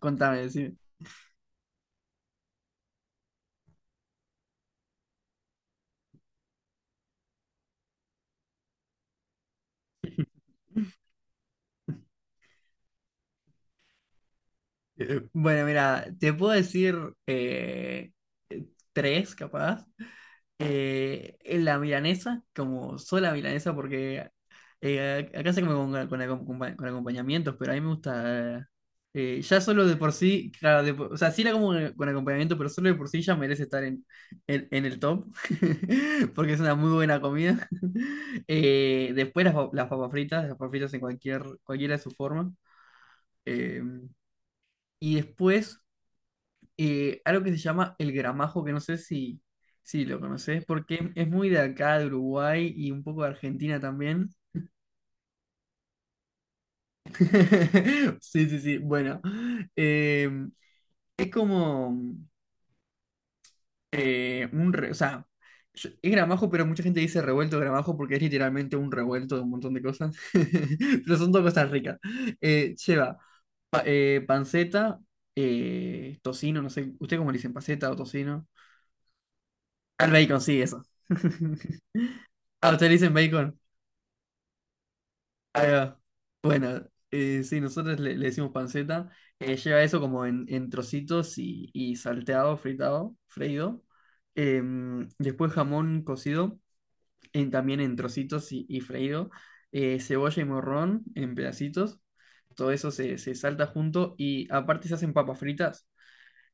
Contame, decime. Bueno, mira, te puedo decir eh, eh, tres, capaz. La milanesa, como sola milanesa, porque acá se come con acompañamientos, pero a mí me gusta. Ya solo de por sí, claro, o sea, sí la como con acompañamiento, pero solo de por sí ya merece estar en el top, porque es una muy buena comida. Después las papas fritas en cualquiera de sus formas. Y después, algo que se llama el gramajo, que no sé si lo conoces, porque es muy de acá, de Uruguay y un poco de Argentina también. Sí, sí, sí. Bueno, eh, es como o sea, es gramajo, pero mucha gente dice revuelto de gramajo porque es literalmente un revuelto de un montón de cosas. Pero son dos cosas ricas. Lleva panceta, tocino, no sé, ¿usted cómo le dicen? ¿Panceta o tocino? Al bacon, sí, eso. Ah, ustedes le dicen bacon. Ahí va. Bueno, sí, nosotros le decimos panceta. Lleva eso como en trocitos y salteado, fritado, freído. Después jamón cocido, también en trocitos y freído. Cebolla y morrón en pedacitos. Todo eso se salta junto y aparte se hacen papas fritas.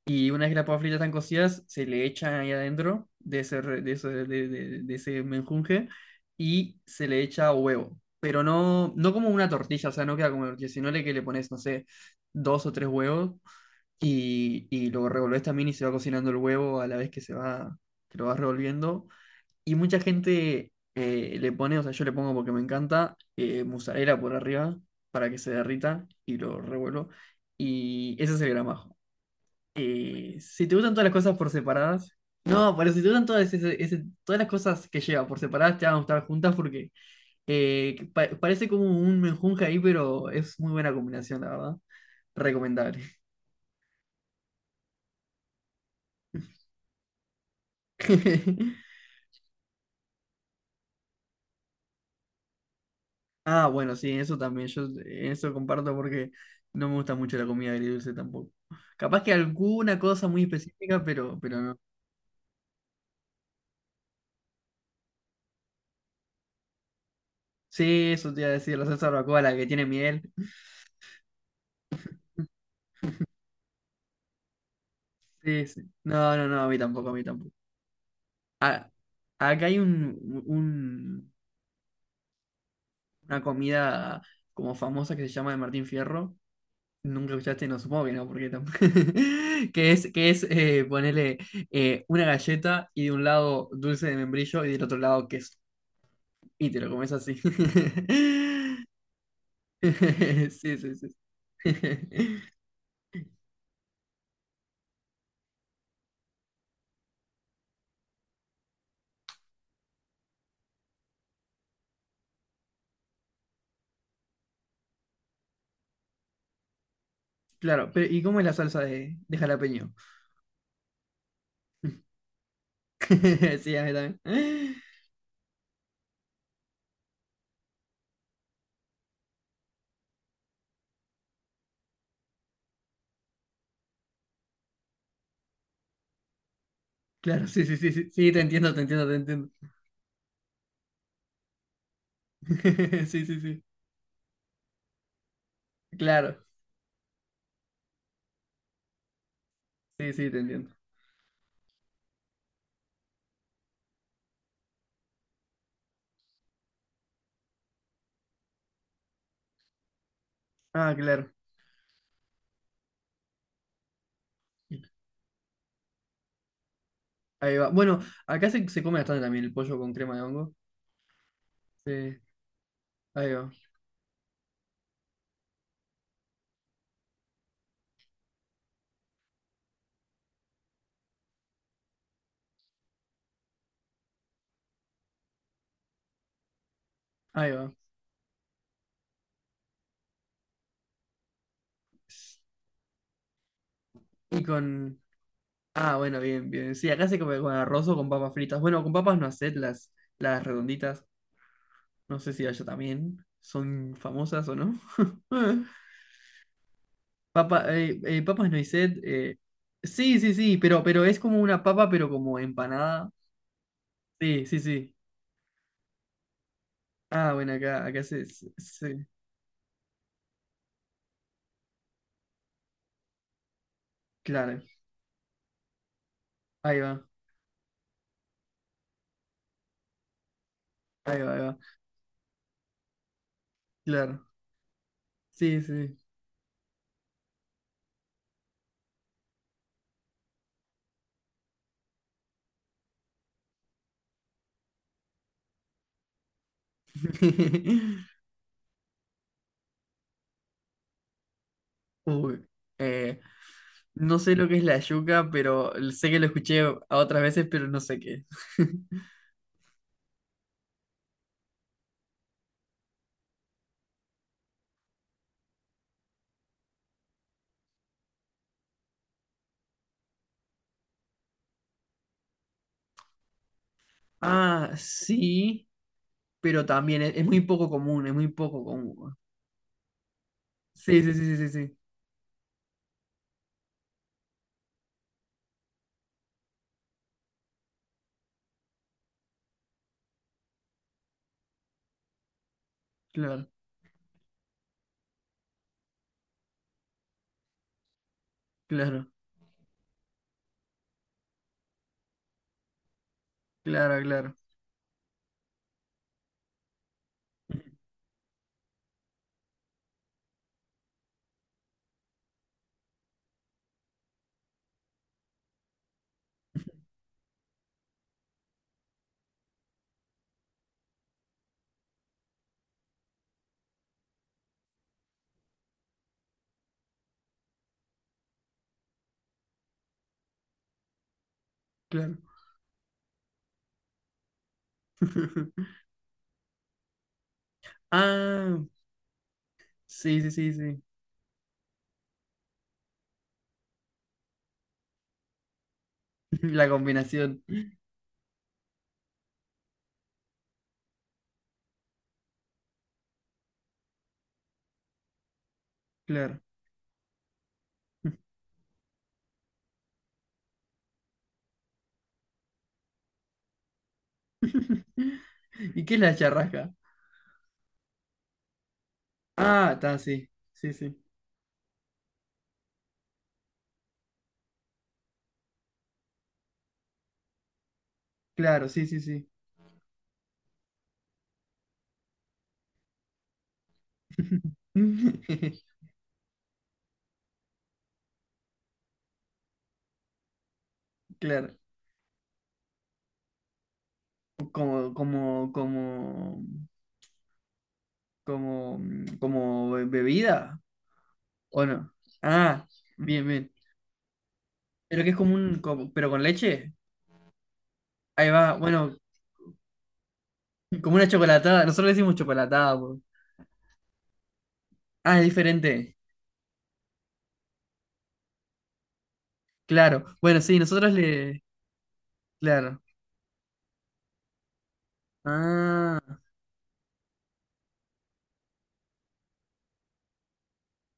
Y una vez que las papas fritas están cocidas, se le echan ahí adentro de ese, re- de ese menjunje y se le echa huevo. Pero no, no como una tortilla, o sea, no queda como una tortilla, sino que le pones, no sé, dos o tres huevos y lo revolves también y se va cocinando el huevo a la vez que se va, que lo vas revolviendo. Y mucha gente le pone, o sea, yo le pongo porque me encanta, mozzarella por arriba para que se derrita y lo revuelvo. Y ese es el gramajo, si te gustan todas las cosas por separadas, no, pero si te gustan todas, todas las cosas que lleva por separadas, te van a gustar juntas porque parece como un menjunje ahí, pero es muy buena combinación, la verdad. Recomendable. Ah, bueno, sí, eso también, yo en eso comparto porque no me gusta mucho la comida agridulce tampoco. Capaz que alguna cosa muy específica, pero no. Sí, eso te iba a decir, la salsa barbacoa, la que tiene miel. Sí, sí. No, no, no, a mí tampoco, a mí tampoco. Acá hay una comida como famosa que se llama de Martín Fierro. Nunca escuchaste, no supongo que no, porque tampoco. Que es ponerle una galleta y de un lado dulce de membrillo y del otro lado queso. Y te lo comes así. Sí, sí, sí. Claro, pero ¿y cómo es la salsa de jalapeño? Sí, a mí también. Claro, sí, sí, sí, sí, sí, te entiendo, te entiendo, te entiendo. Sí, sí, sí. Claro, sí, sí, te entiendo. Ah, claro. Ahí va. Bueno, acá se come bastante también el pollo con crema de hongo. Sí, ahí va. Ahí va. Y con... Ah, bueno, bien, bien. Sí, acá se come con arroz o con papas fritas. Bueno, con papas no haced las redonditas. No sé si allá también son famosas o no. Papa, papas noisette. Sí, sí, sí, pero es como una papa, pero como empanada. Sí, sí, sí. Ah, bueno, acá, acá se, se- se- Claro. Ahí va, ahí va, ahí va. Claro. Sí, sí. Uy, eh, no sé lo que es la yuca, pero sé que lo escuché a otras veces, pero no sé qué es. Ah, sí, pero también es muy poco común, es muy poco común. Sí, sí, sí, sí, sí, sí. Claro, claro, claro, claro, claro. Ah, sí, sí, sí, sí. La combinación, claro. ¿Y qué es la charrasca? Ah, está, sí, sí, sí. Claro, sí, sí, sí. Claro. Como, como, como, como, mm, como bebida, ¿o no? Ah, bien, bien. Pero que es como pero con leche. Ahí va, bueno, como una chocolatada. Nosotros le decimos chocolatada, po. Ah, es diferente. Claro. Bueno, sí, nosotros le, claro. Ah,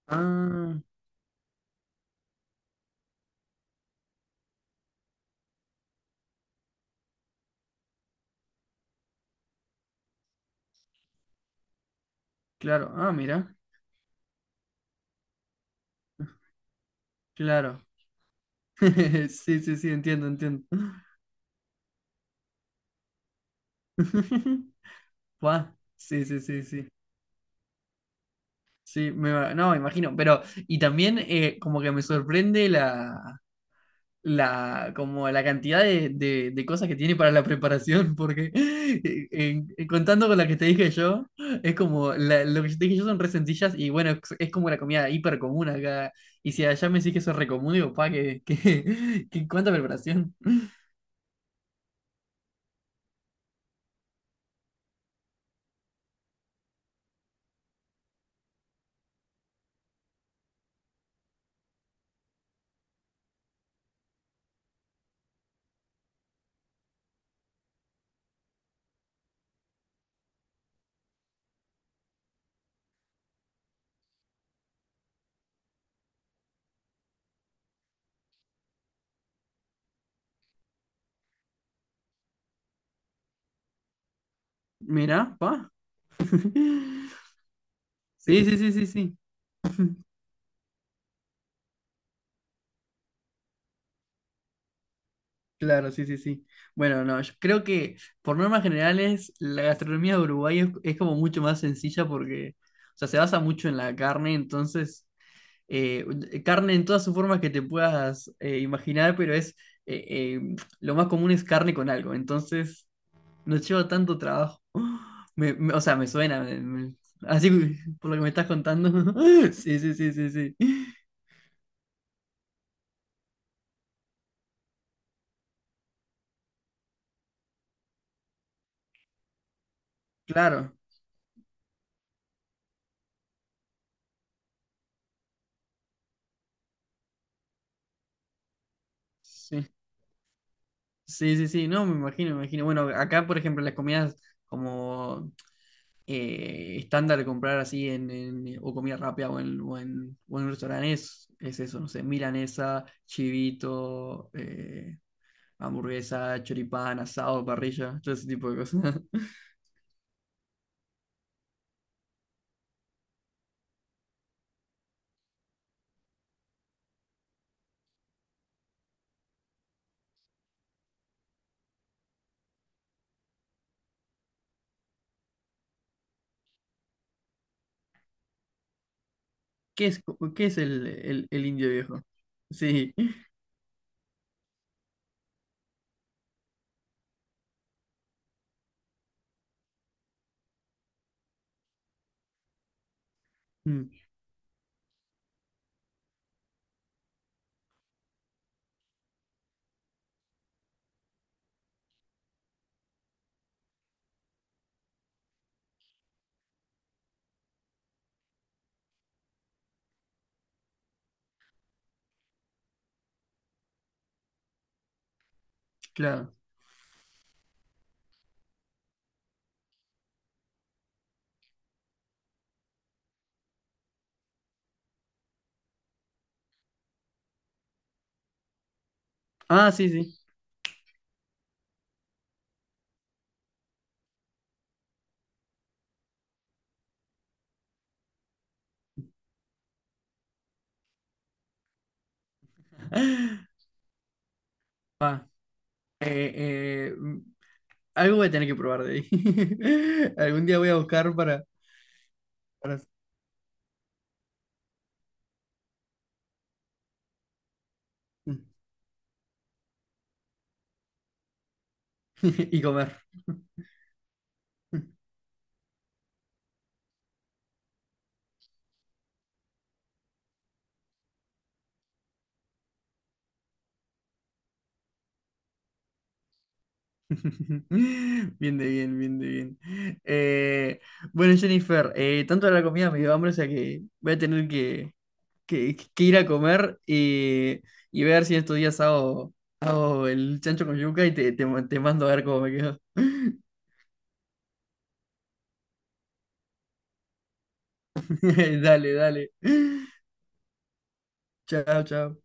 ah, claro. Ah, mira, claro. Sí, sí, sí, entiendo, entiendo. Buah, sí, sí, sí, sí. Sí, no, me imagino, pero y también como que me sorprende como la cantidad de, de cosas que tiene para la preparación, porque contando con la que te dije yo, es como, lo que yo te dije yo son re sencillas y bueno, es como la comida hiper común acá, y si allá me decís que eso es re común, digo, pa, que, que cuánta preparación. Mirá, pa. Sí, sí, sí, sí, sí. Claro, sí, sí, sí. Bueno, no, yo creo que por normas generales la gastronomía de Uruguay es como mucho más sencilla porque, o sea, se basa mucho en la carne, entonces, eh, carne en todas sus formas que te puedas imaginar, pero es, eh, lo más común es carne con algo, entonces no lleva tanto trabajo. O sea, me suena, así por lo que me estás contando. Sí, sí, sí, sí, sí. Claro, sí. Sí, sí, sí, no, me imagino, me imagino. Bueno, acá, por ejemplo, las comidas como estándar de comprar así o comida rápida o en un restaurante es eso, no sé, milanesa, chivito, hamburguesa, choripán, asado, parrilla, todo ese tipo de cosas. ¿Qué es, qué es el indio viejo? Sí, mm, claro. Ah, sí, sí. Ah, eh, eh, mm, algo voy a tener que probar de ahí. Algún día voy a buscar para... Y comer. Bien de bien, bien de bien. Eh, bueno, Jennifer, tanto de la comida me dio hambre, o sea que voy a tener que, que ir a comer y ver si estos días hago, hago el chancho con yuca y te mando a ver cómo me quedo. Dale, dale. Chao, chao.